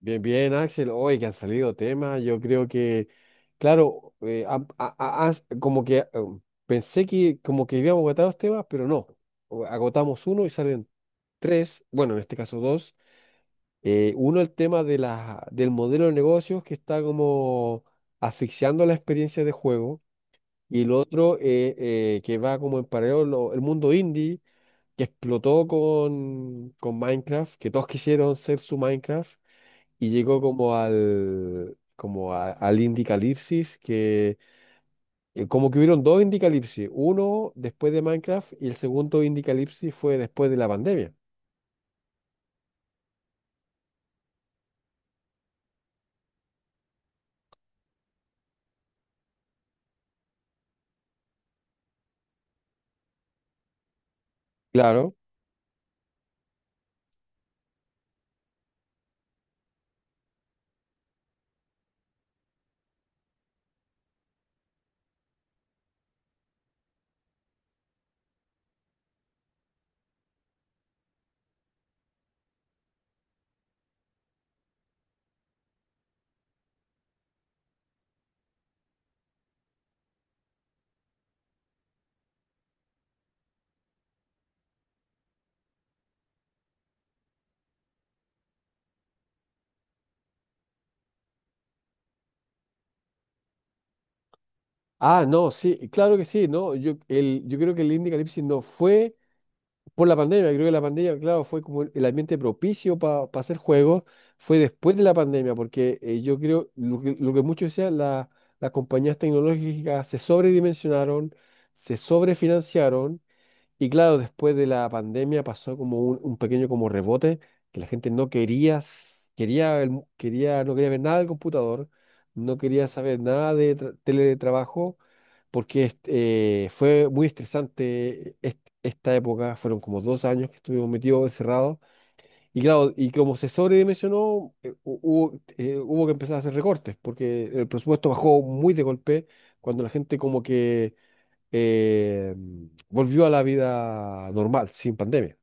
Bien, bien, Axel. Hoy que han salido temas. Yo creo que, claro, como que pensé que como que habíamos agotado los temas, pero no. Agotamos uno y salen tres, bueno, en este caso dos. Uno, el tema de la, del modelo de negocios que está como asfixiando la experiencia de juego. Y el otro, que va como en paralelo, el mundo indie, que explotó con, Minecraft, que todos quisieron ser su Minecraft y llegó como al, al Indicalipsis, que como que hubieron dos Indicalipsis, uno después de Minecraft y el segundo Indicalipsis fue después de la pandemia. Claro. Ah, no, sí, claro que sí, no, yo creo que el Indicalipsis no fue por la pandemia. Creo que la pandemia, claro, fue como el ambiente propicio para hacer juegos, fue después de la pandemia, porque yo creo lo que, muchos decían, las compañías tecnológicas se sobredimensionaron, se sobrefinanciaron. Y claro, después de la pandemia pasó como un pequeño como rebote, que la gente no quería, s- quería, el mu- quería, no quería ver nada del computador, no quería saber nada de teletrabajo, porque este, fue muy estresante esta época. Fueron como dos años que estuvimos metidos encerrados. Y claro, y como se sobredimensionó, hubo que empezar a hacer recortes, porque el presupuesto bajó muy de golpe, cuando la gente como que eh, volvió a la vida normal, sin pandemia.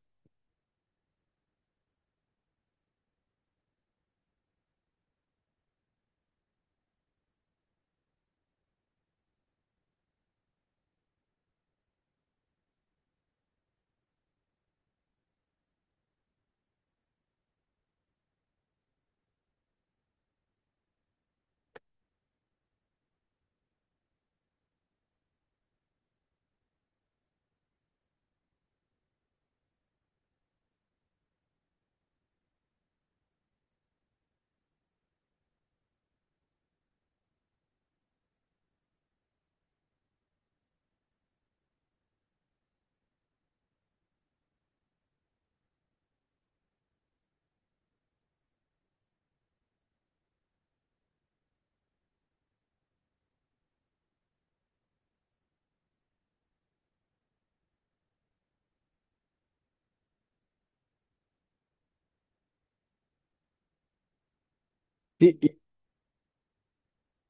Sí,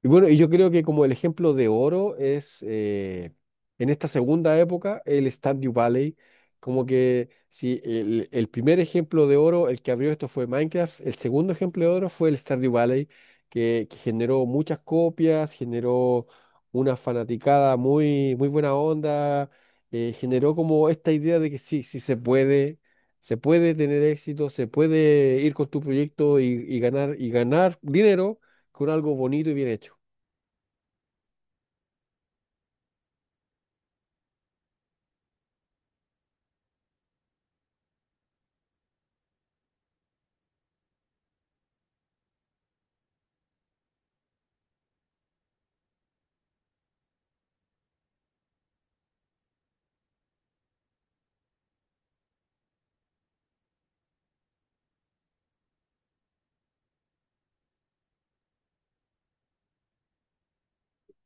y bueno, y yo creo que como el ejemplo de oro es, en esta segunda época, el Stardew Valley. Como que si el primer ejemplo de oro, el que abrió esto fue Minecraft, el segundo ejemplo de oro fue el Stardew Valley, que generó muchas copias, generó una fanaticada muy, muy buena onda. Generó como esta idea de que sí, sí se puede tener éxito, se puede ir con tu proyecto y, ganar dinero con algo bonito y bien hecho.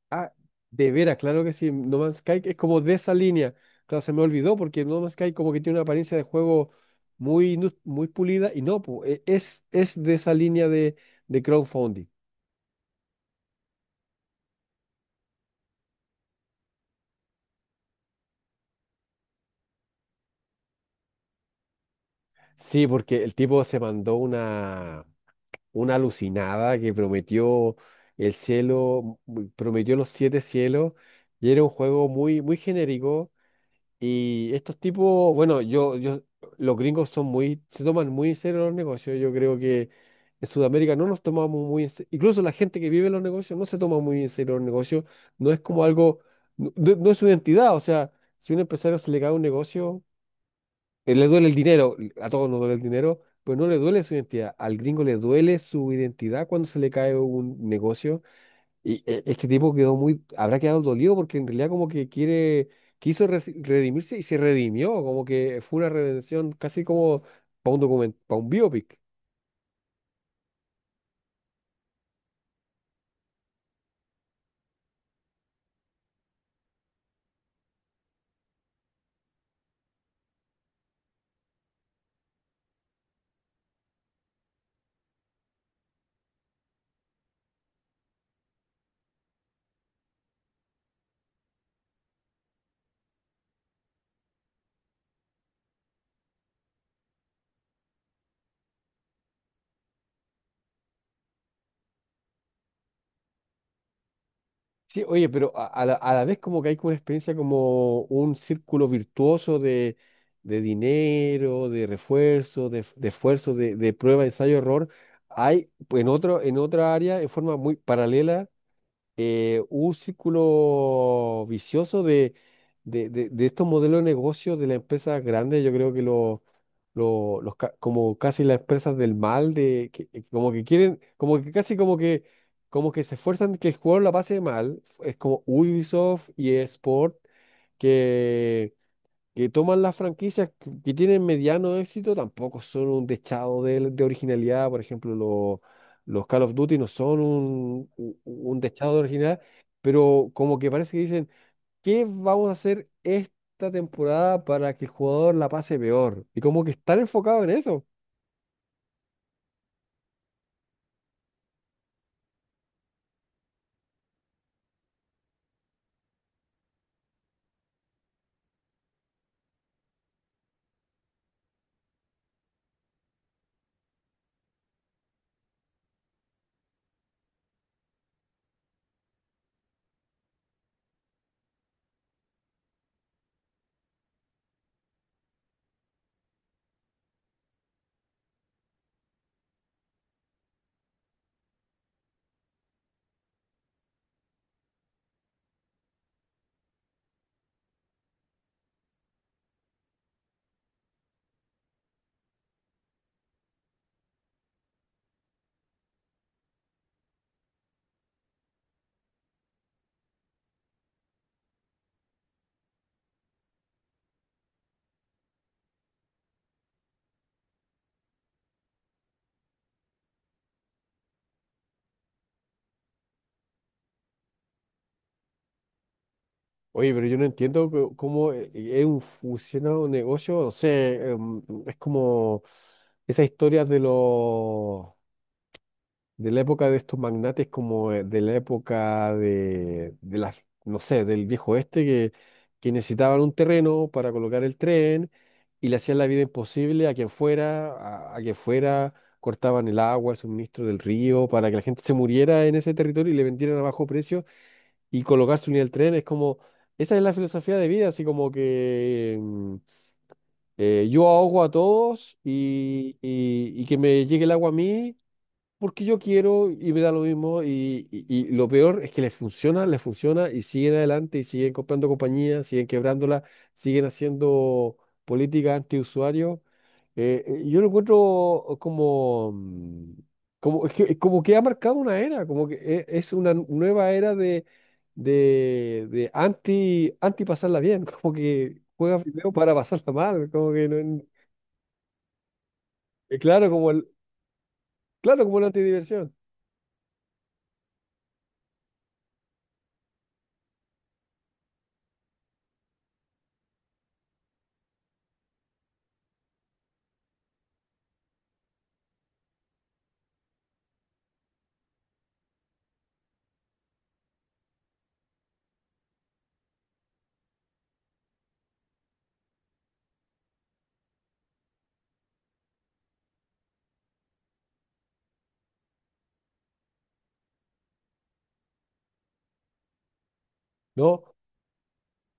Ah, de veras, claro que sí. No Man's Sky es como de esa línea. Claro, se me olvidó porque No Man's Sky como que tiene una apariencia de juego muy pulida y no, es de esa línea de, crowdfunding. Sí, porque el tipo se mandó una, alucinada que prometió el cielo, prometió los siete cielos y era un juego muy, muy genérico. Y estos tipos, bueno, los gringos son muy, se toman muy en serio los negocios. Yo creo que en Sudamérica no nos tomamos muy en serio. Incluso la gente que vive en los negocios no se toma muy en serio los negocios. No es como algo, no, no es su identidad. O sea, si a un empresario se le cae un negocio, le duele el dinero, a todos nos duele el dinero, pero no le duele su identidad. Al gringo le duele su identidad cuando se le cae un negocio. Y este tipo quedó muy, habrá quedado dolido porque en realidad como que quiere, quiso redimirse, y se redimió. Como que fue una redención casi como para un biopic. Sí, oye, pero a la vez como que hay como una experiencia como un círculo virtuoso de dinero, de refuerzo, de esfuerzo, de prueba, ensayo, error. Hay pues, en otra área, en forma muy paralela, un círculo vicioso de, de estos modelos de negocio de las empresas grandes. Yo creo que como casi las empresas del mal, de, que como que quieren, como que casi como que se esfuerzan que el jugador la pase mal. Es como Ubisoft y eSport, que toman las franquicias que tienen mediano éxito, tampoco son un dechado de originalidad. Por ejemplo, los Call of Duty no son un dechado de originalidad, pero como que parece que dicen, ¿qué vamos a hacer esta temporada para que el jugador la pase peor? Y como que están enfocados en eso. Oye, pero yo no entiendo cómo, funciona un negocio, no sé, em, es como esas historias de los, de la época de estos magnates, como, de la época de, no sé, del viejo oeste, que necesitaban un terreno para colocar el tren y le hacían la vida imposible a quien fuera, a quien fuera, cortaban el agua, el suministro del río, para que la gente se muriera en ese territorio y le vendieran a bajo precio y colocar su unidad del tren. Es como, esa es la filosofía de vida, así como que mm, yo ahogo a todos y, y que me llegue el agua a mí porque yo quiero y me da lo mismo y, y lo peor es que les funciona y siguen adelante y siguen comprando compañías, siguen quebrándola, siguen haciendo política antiusuario. Yo lo encuentro como, mm, como, es que, es como que ha marcado una era, como que es una nueva era de, de anti, anti pasarla bien, como que juega video para pasarla mal, como que claro, como claro, como la antidiversión, ¿no?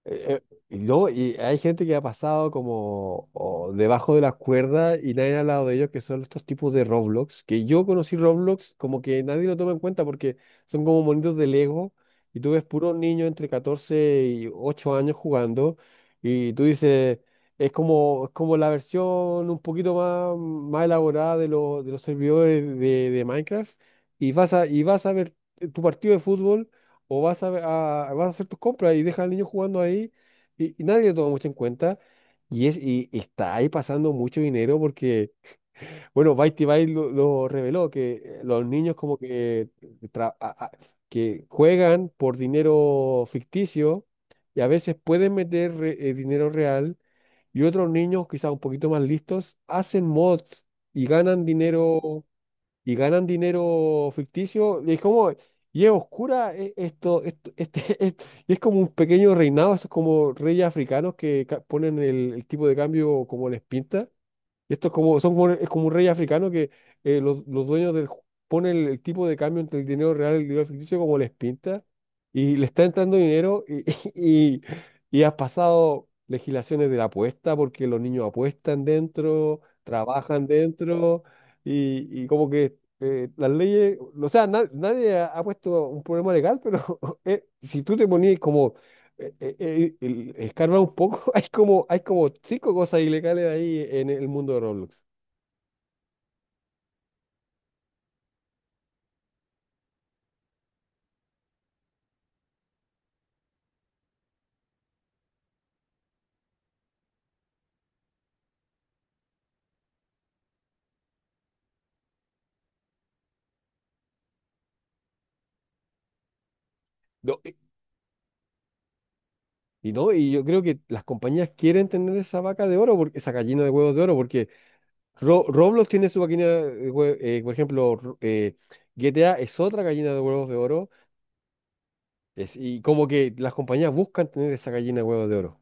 Y no, y hay gente que ha pasado como o debajo de las cuerdas y nadie ha hablado de ellos, que son estos tipos de Roblox, que yo conocí Roblox como que nadie lo toma en cuenta porque son como monitos de Lego y tú ves puros niños entre 14 y 8 años jugando y tú dices, es como la versión un poquito más, más elaborada de los servidores de, Minecraft, y vas a, ver tu partido de fútbol o vas a, vas a hacer tus compras y dejas al niño jugando ahí y nadie le toma mucho en cuenta. Y está ahí pasando mucho dinero porque, bueno, Byte Byte lo reveló, que los niños como que, tra- a- a- que juegan por dinero ficticio y a veces pueden meter dinero real, y otros niños, quizás un poquito más listos, hacen mods y ganan dinero y ganan dinero ficticio. Y es como, y es oscura esto, y es como un pequeño reinado, esos como reyes africanos que ponen el tipo de cambio como les pinta. Y esto es como, es como un rey africano que, los dueños ponen el tipo de cambio entre el dinero real y el dinero ficticio como les pinta, y le está entrando dinero y, y, y has pasado legislaciones de la apuesta porque los niños apuestan dentro, trabajan dentro, y, como que las leyes, o sea, nadie ha, puesto un problema legal. Pero si tú te ponías como, escarba un poco, hay como cinco cosas ilegales ahí en el mundo de Roblox. No, no, y yo creo que las compañías quieren tener esa vaca de oro, porque esa gallina de huevos de oro, porque Roblox tiene su gallina por ejemplo, GTA es otra gallina de huevos de oro. Es, y como que las compañías buscan tener esa gallina de huevos de oro.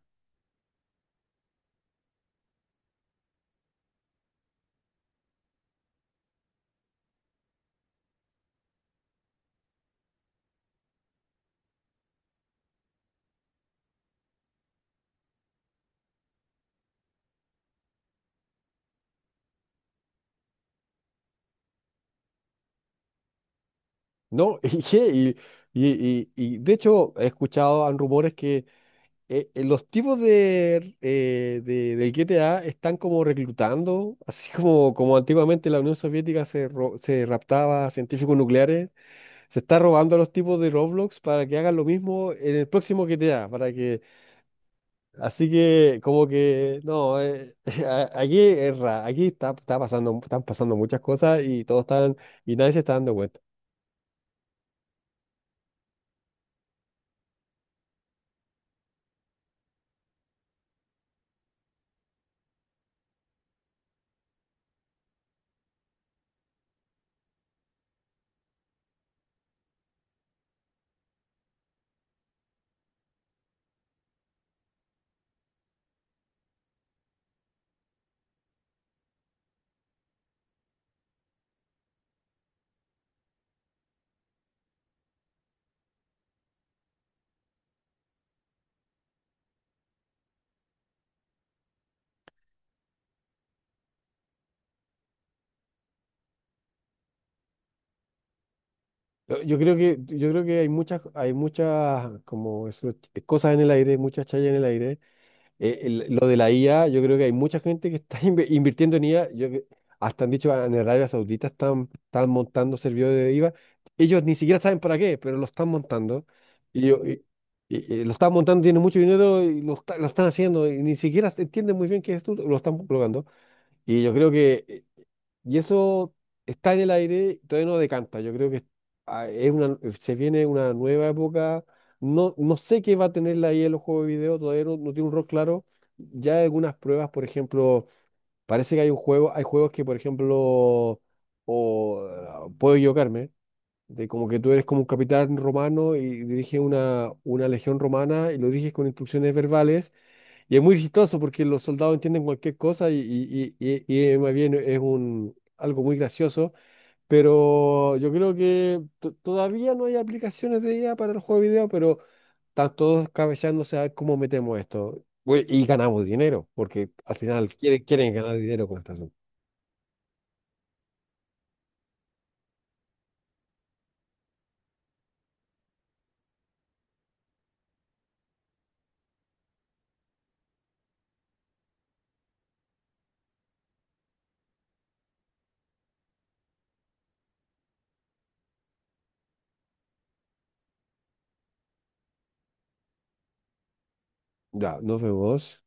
¿No? ¿Y qué? Y, de hecho he escuchado han rumores que, los tipos del G T A están como reclutando, así como, como antiguamente la Unión Soviética se, se raptaba a científicos nucleares. Se está robando a los tipos de Roblox para que hagan lo mismo en el próximo GTA, para que, así que como que, no, aquí está, está pasando, están pasando muchas cosas y todos están, y nadie se está dando cuenta. Yo creo que, yo creo que hay muchas como eso, cosas en el aire, muchas chayas en el aire. Lo de la IA, yo creo que hay mucha gente que está invirtiendo en IA. Hasta han dicho en Arabia Saudita están, montando servidores de IVA. Ellos ni siquiera saben para qué, pero lo están montando. Y, yo- y- y lo están montando, tienen mucho dinero y lo están haciendo. Y ni siquiera se entienden muy bien qué es esto, lo están colocando. Y yo creo que, eso está en el aire, todavía no decanta. Yo creo que, ah, es una, se viene una nueva época. No, no sé qué va a tener la IA en los juegos de video, todavía no tiene un rol claro. Ya hay algunas pruebas, por ejemplo, parece que hay un juego, hay juegos que, por ejemplo, o ah, puedo equivocarme, de como que tú eres como un capitán romano y diriges una, legión romana y lo diriges con instrucciones verbales, y es muy chistoso porque los soldados entienden cualquier cosa y, más bien es algo muy gracioso, pero yo creo que todavía no hay aplicaciones de IA para el juego de video, pero están todos cabeceándose a ver cómo metemos esto, güey, y ganamos dinero, porque al final quieren, ganar dinero con esta. Ya, nos vemos.